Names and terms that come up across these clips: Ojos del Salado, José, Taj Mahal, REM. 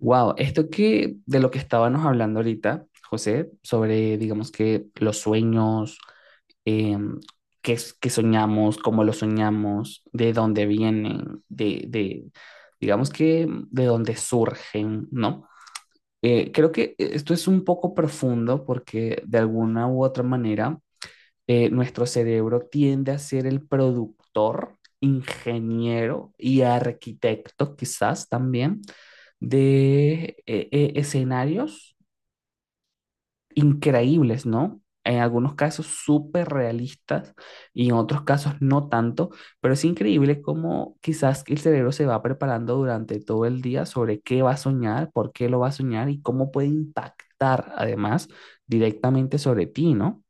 Wow, esto que de lo que estábamos hablando ahorita, José, sobre digamos que los sueños, em, qué, qué soñamos, cómo lo soñamos, de dónde vienen, de digamos que de dónde surgen, ¿no? Creo que esto es un poco profundo porque de alguna u otra manera nuestro cerebro tiende a ser el productor, ingeniero y arquitecto quizás también de escenarios increíbles, ¿no? En algunos casos súper realistas y en otros casos no tanto, pero es increíble cómo quizás el cerebro se va preparando durante todo el día sobre qué va a soñar, por qué lo va a soñar y cómo puede impactar además directamente sobre ti, ¿no?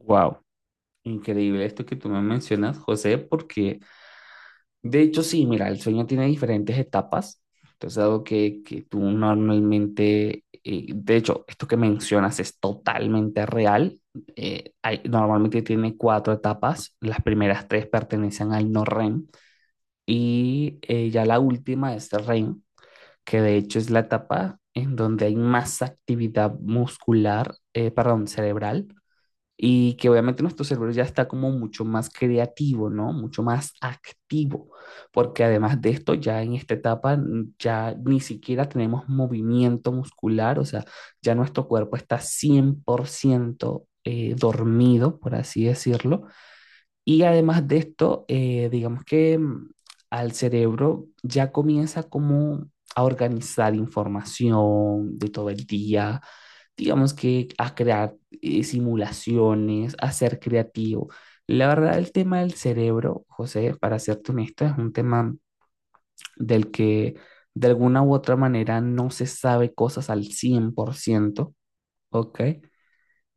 Wow. Increíble esto que tú me mencionas, José, porque de hecho sí, mira, el sueño tiene diferentes etapas. Entonces, algo que tú normalmente, de hecho, esto que mencionas es totalmente real. Normalmente tiene cuatro etapas. Las primeras tres pertenecen al no REM y ya la última es el REM, que de hecho es la etapa en donde hay más actividad muscular, perdón, cerebral, y que obviamente nuestro cerebro ya está como mucho más creativo, ¿no? Mucho más activo, porque además de esto, ya en esta etapa ya ni siquiera tenemos movimiento muscular, o sea, ya nuestro cuerpo está 100% dormido, por así decirlo, y además de esto, digamos que al cerebro ya comienza como a organizar información de todo el día, digamos que a crear simulaciones, a ser creativo. La verdad, el tema del cerebro, José, para serte honesto, es un tema del que de alguna u otra manera no se sabe cosas al cien por ciento. ¿Ok?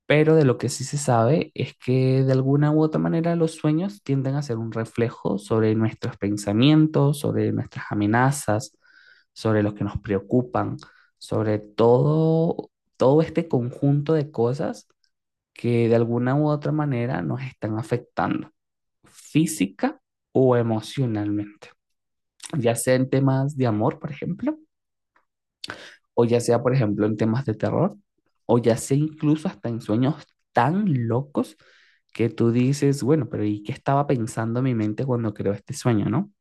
Pero de lo que sí se sabe es que de alguna u otra manera los sueños tienden a ser un reflejo sobre nuestros pensamientos, sobre nuestras amenazas, sobre los que nos preocupan, sobre todo, todo este conjunto de cosas que de alguna u otra manera nos están afectando física o emocionalmente, ya sea en temas de amor, por ejemplo, o ya sea, por ejemplo, en temas de terror, o ya sea incluso hasta en sueños tan locos que tú dices, bueno, ¿pero y qué estaba pensando mi mente cuando creó este sueño, no?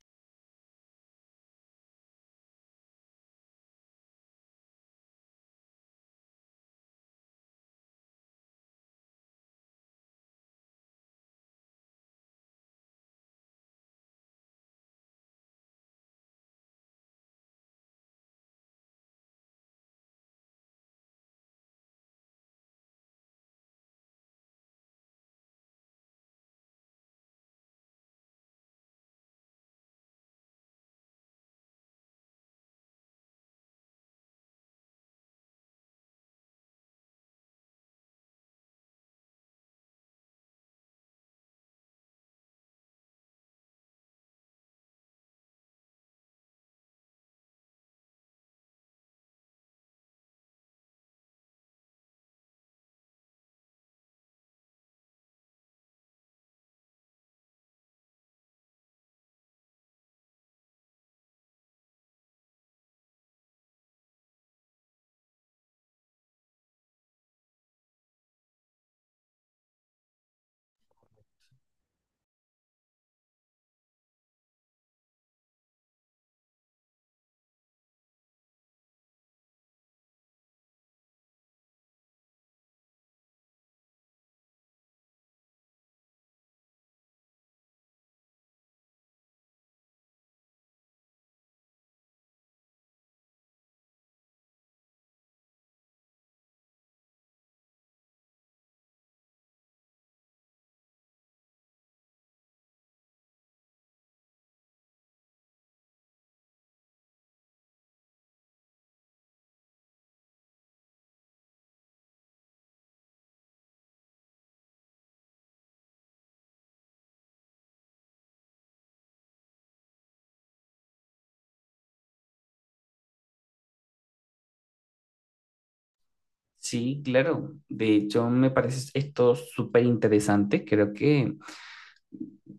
Sí, claro. De hecho, me parece esto súper interesante. Creo que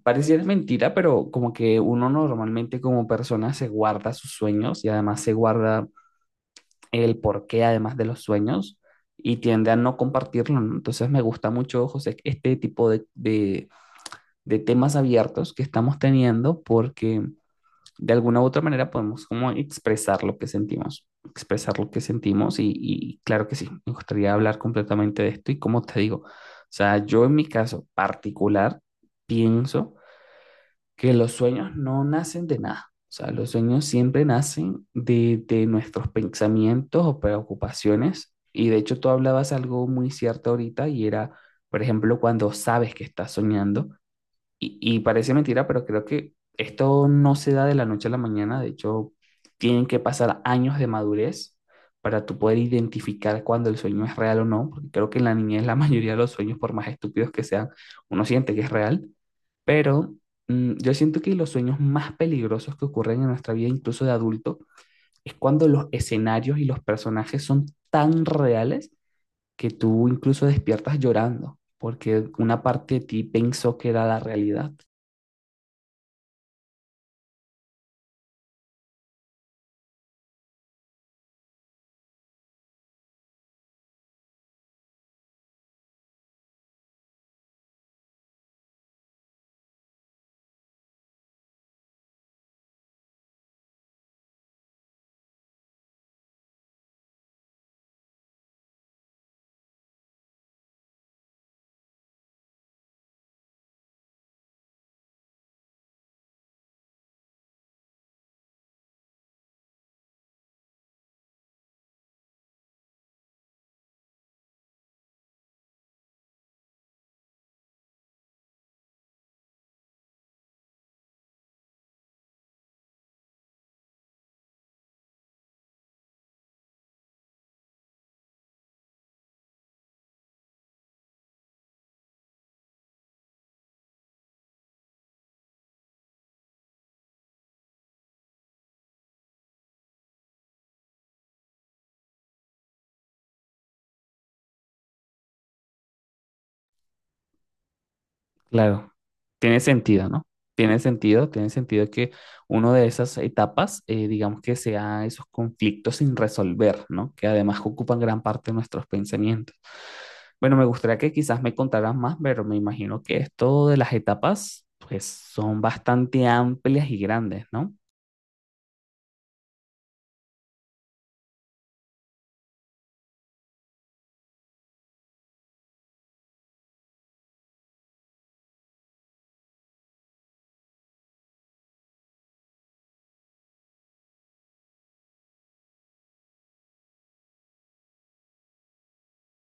pareciera mentira, pero como que uno normalmente como persona se guarda sus sueños y además se guarda el porqué además de los sueños y tiende a no compartirlo, ¿no? Entonces me gusta mucho, José, este tipo de temas abiertos que estamos teniendo porque de alguna u otra manera podemos como expresar lo que sentimos, expresar lo que sentimos y claro que sí, me gustaría hablar completamente de esto y como te digo, o sea, yo en mi caso particular pienso que los sueños no nacen de nada. O sea, los sueños siempre nacen de nuestros pensamientos o preocupaciones. Y de hecho tú hablabas algo muy cierto ahorita y era, por ejemplo, cuando sabes que estás soñando, y parece mentira, pero creo que esto no se da de la noche a la mañana. De hecho, tienen que pasar años de madurez para tú poder identificar cuando el sueño es real o no. Porque creo que en la niñez la mayoría de los sueños, por más estúpidos que sean, uno siente que es real. Pero yo siento que los sueños más peligrosos que ocurren en nuestra vida, incluso de adulto, es cuando los escenarios y los personajes son tan reales que tú incluso despiertas llorando, porque una parte de ti pensó que era la realidad. Claro, tiene sentido, ¿no? Tiene sentido que una de esas etapas, digamos que sea esos conflictos sin resolver, ¿no? Que además ocupan gran parte de nuestros pensamientos. Bueno, me gustaría que quizás me contaras más, pero me imagino que esto de las etapas, pues son bastante amplias y grandes, ¿no?